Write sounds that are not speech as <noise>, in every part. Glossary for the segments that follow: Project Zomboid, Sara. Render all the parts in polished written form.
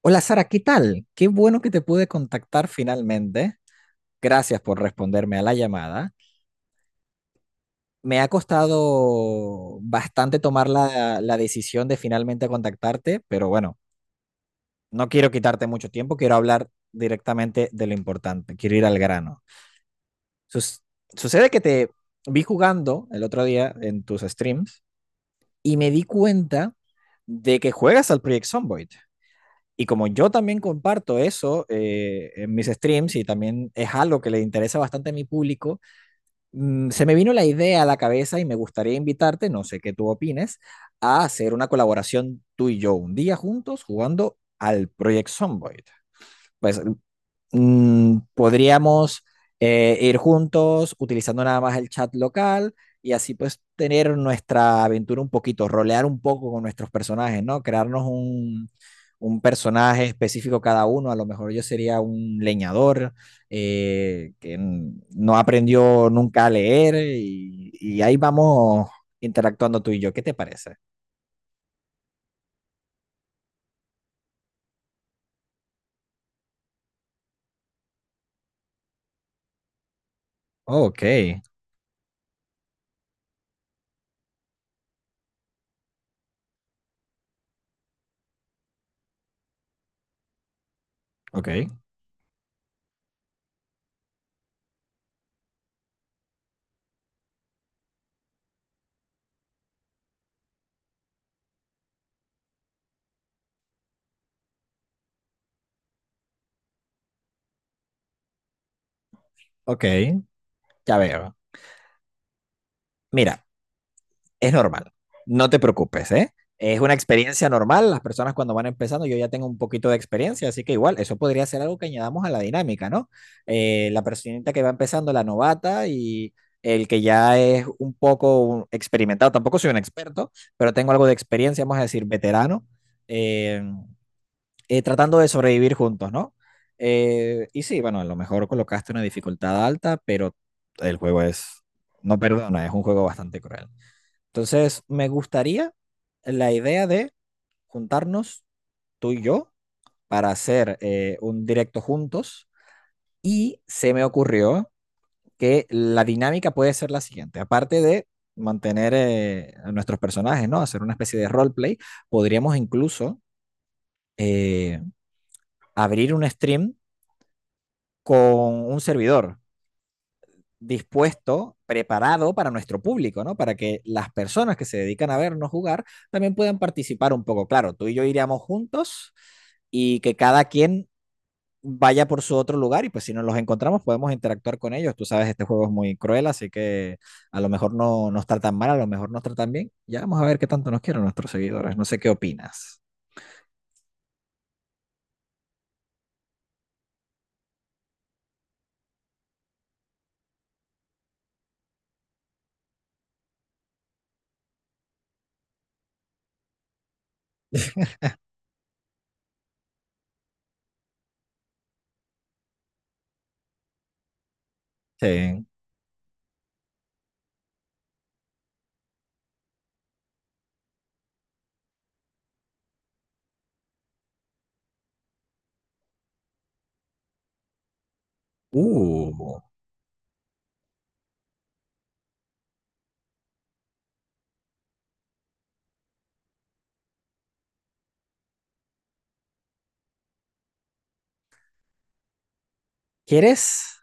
Hola Sara, ¿qué tal? Qué bueno que te pude contactar finalmente. Gracias por responderme a la llamada. Me ha costado bastante tomar la decisión de finalmente contactarte, pero bueno, no quiero quitarte mucho tiempo, quiero hablar directamente de lo importante, quiero ir al grano. Sus- Sucede que te vi jugando el otro día en tus streams y me di cuenta de que juegas al Project Zomboid. Y como yo también comparto eso en mis streams y también es algo que le interesa bastante a mi público, se me vino la idea a la cabeza y me gustaría invitarte, no sé qué tú opines, a hacer una colaboración tú y yo un día juntos jugando al Project Zomboid. Pues podríamos ir juntos utilizando nada más el chat local y así pues tener nuestra aventura un poquito, rolear un poco con nuestros personajes, ¿no? Crearnos un personaje específico cada uno. A lo mejor yo sería un leñador que no aprendió nunca a leer y ahí vamos interactuando tú y yo. ¿Qué te parece? Oh, ok, ok, ok. Ya veo. Mira, es normal. No te preocupes, ¿eh? Es una experiencia normal. Las personas cuando van empezando, yo ya tengo un poquito de experiencia, así que igual, eso podría ser algo que añadamos a la dinámica, ¿no? La personita que va empezando, la novata y el que ya es un poco experimentado, tampoco soy un experto, pero tengo algo de experiencia, vamos a decir, veterano, eh, tratando de sobrevivir juntos, ¿no? Y sí, bueno, a lo mejor colocaste una dificultad alta, pero el juego es, no perdona, es un juego bastante cruel. Entonces, me gustaría la idea de juntarnos tú y yo para hacer un directo juntos y se me ocurrió que la dinámica puede ser la siguiente, aparte de mantener a nuestros personajes, ¿no? Hacer una especie de roleplay, podríamos incluso eh, abrir un stream con un servidor dispuesto, preparado para nuestro público, ¿no? Para que las personas que se dedican a vernos jugar también puedan participar un poco. Claro, tú y yo iríamos juntos y que cada quien vaya por su otro lugar y pues si nos los encontramos podemos interactuar con ellos. Tú sabes, este juego es muy cruel, así que a lo mejor no nos tratan mal, a lo mejor nos tratan bien. Ya vamos a ver qué tanto nos quieren nuestros seguidores. No sé qué opinas. Sí. Uh, ¿quieres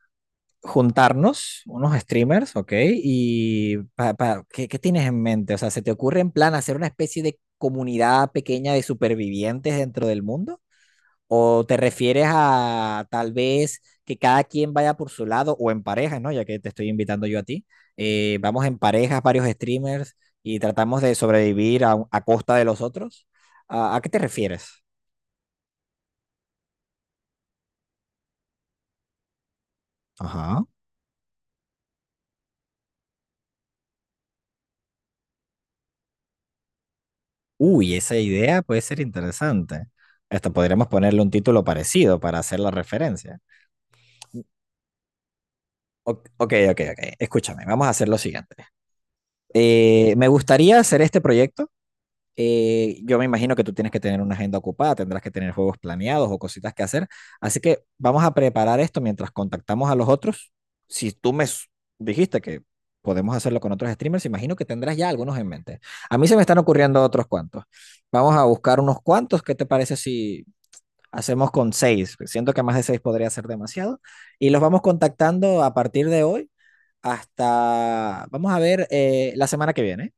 juntarnos unos streamers, ok? ¿Y qué, qué tienes en mente? O sea, ¿se te ocurre en plan hacer una especie de comunidad pequeña de supervivientes dentro del mundo? ¿O te refieres a tal vez que cada quien vaya por su lado o en parejas, ¿no? Ya que te estoy invitando yo a ti. Vamos en parejas, varios streamers y tratamos de sobrevivir a costa de los otros. A qué te refieres? Ajá. Uy, esa idea puede ser interesante. Esto podríamos ponerle un título parecido para hacer la referencia. O- ok, ok, ok. Escúchame, vamos a hacer lo siguiente. Me gustaría hacer este proyecto. Yo me imagino que tú tienes que tener una agenda ocupada, tendrás que tener juegos planeados o cositas que hacer. Así que vamos a preparar esto mientras contactamos a los otros. Si tú dijiste que podemos hacerlo con otros streamers, imagino que tendrás ya algunos en mente. A mí se me están ocurriendo otros cuantos. Vamos a buscar unos cuantos. ¿Qué te parece si hacemos con 6? Siento que más de 6 podría ser demasiado. Y los vamos contactando a partir de hoy hasta, vamos a ver, la semana que viene.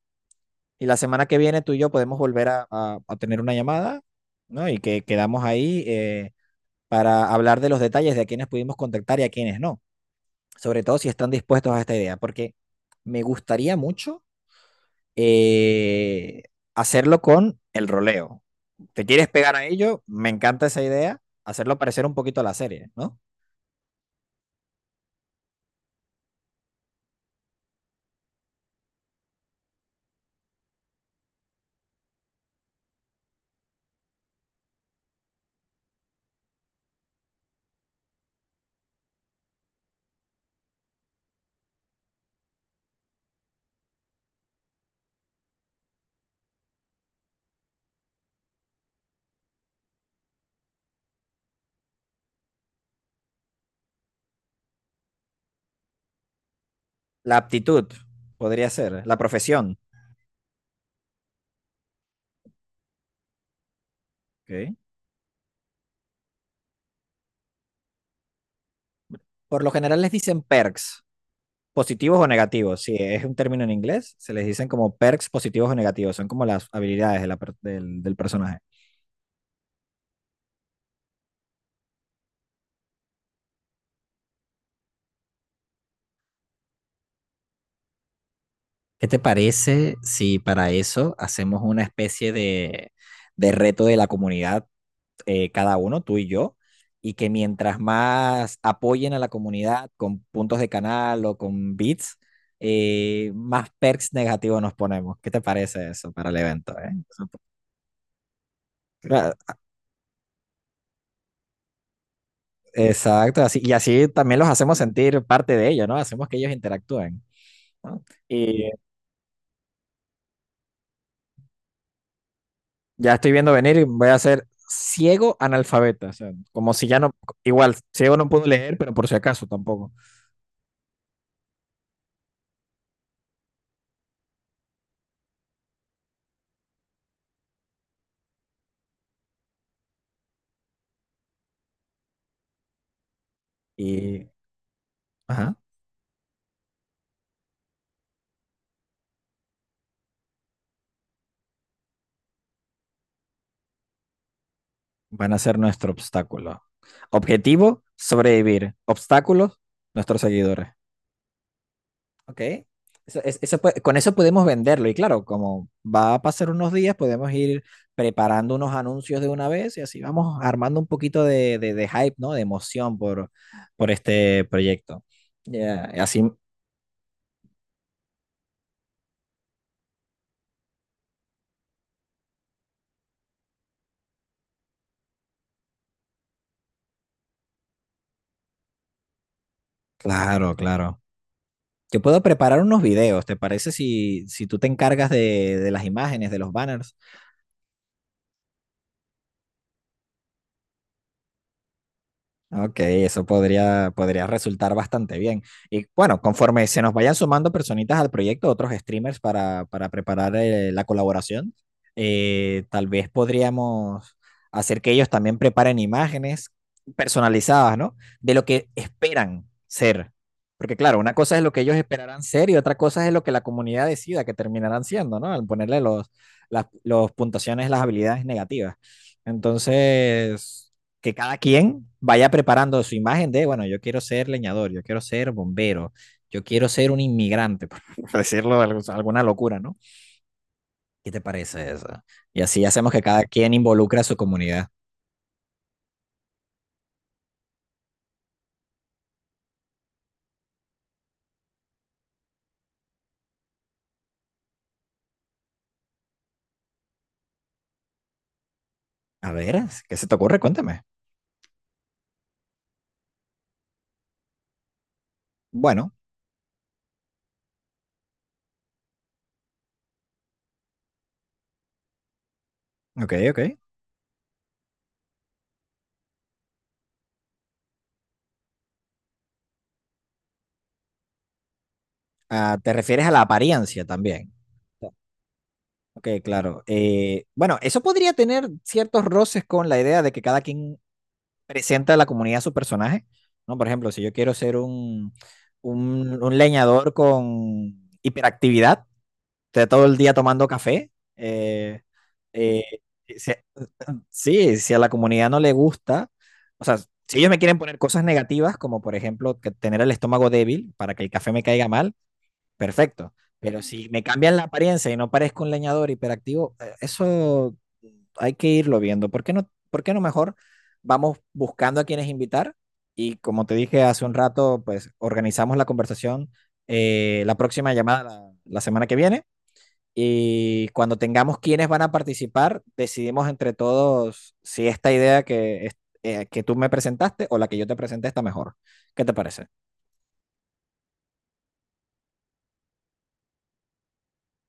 Y la semana que viene tú y yo podemos volver a tener una llamada, ¿no? Y que quedamos ahí para hablar de los detalles de a quienes pudimos contactar y a quienes no. Sobre todo si están dispuestos a esta idea, porque me gustaría mucho eh, hacerlo con el roleo. ¿Te quieres pegar a ello? Me encanta esa idea. Hacerlo parecer un poquito a la serie, ¿no? La aptitud podría ser, la profesión. Ok. Por lo general les dicen perks. Positivos o negativos, sí es un término en inglés, se les dicen como perks positivos o negativos, son como las habilidades de la del, del personaje. ¿Qué te parece si para eso hacemos una especie de reto de la comunidad, cada uno, tú y yo, y que mientras más apoyen a la comunidad con puntos de canal o con bits, más perks negativos nos ponemos? ¿Qué te parece eso para el evento? ¿Eh? Eso. Claro, exacto, así, y así también los hacemos sentir parte de ello, ¿no? Hacemos que ellos interactúen, ¿no? Y ya estoy viendo venir y voy a ser ciego analfabeta, o sea, como si ya no, igual, ciego no puedo leer, pero por si acaso tampoco. Y, ajá, van a ser nuestro obstáculo. Objetivo, sobrevivir. Obstáculos, nuestros seguidores. Ok. Eso- es- eso puede- con eso podemos venderlo. Y claro, como va a pasar unos días, podemos ir preparando unos anuncios de una vez y así vamos armando un poquito de hype, ¿no? De emoción por este proyecto. Ya, y así, claro, claro. Yo puedo preparar unos videos, ¿te parece si, si tú te encargas de las imágenes, de los banners? Ok, eso podría, podría resultar bastante bien. Y bueno, conforme se nos vayan sumando personitas al proyecto, otros streamers para preparar la colaboración, tal vez podríamos hacer que ellos también preparen imágenes personalizadas, ¿no? De lo que esperan ser. Porque claro, una cosa es lo que ellos esperarán ser y otra cosa es lo que la comunidad decida que terminarán siendo, ¿no? Al ponerle las los puntuaciones, las habilidades negativas. Entonces que cada quien vaya preparando su imagen de, bueno, yo quiero ser leñador, yo quiero ser bombero, yo quiero ser un inmigrante, <laughs> por decirlo alguna locura, ¿no? ¿Qué te parece eso? Y así hacemos que cada quien involucre a su comunidad. A ver, ¿qué se te ocurre? Cuéntame. Bueno, ok, ok. Ah, ¿te refieres a la apariencia también? Ok, claro. Bueno, eso podría tener ciertos roces con la idea de que cada quien presenta a la comunidad su personaje, ¿no? Por ejemplo, si yo quiero ser un leñador con hiperactividad, de todo el día tomando café, eh, eh, si- sí, si a la comunidad no le gusta, o sea, si ellos me quieren poner cosas negativas, como por ejemplo que tener el estómago débil para que el café me caiga mal, perfecto. Pero si me cambian la apariencia y no parezco un leñador hiperactivo, eso hay que irlo viendo. Por qué no mejor vamos buscando a quienes invitar? Y como te dije hace un rato, pues organizamos la conversación, la próxima llamada la semana que viene. Y cuando tengamos quienes van a participar, decidimos entre todos si esta idea que tú me presentaste o la que yo te presenté está mejor. ¿Qué te parece?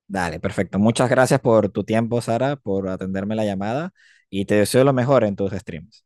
Dale, perfecto. Muchas gracias por tu tiempo, Sara, por atenderme la llamada y te deseo lo mejor en tus streams.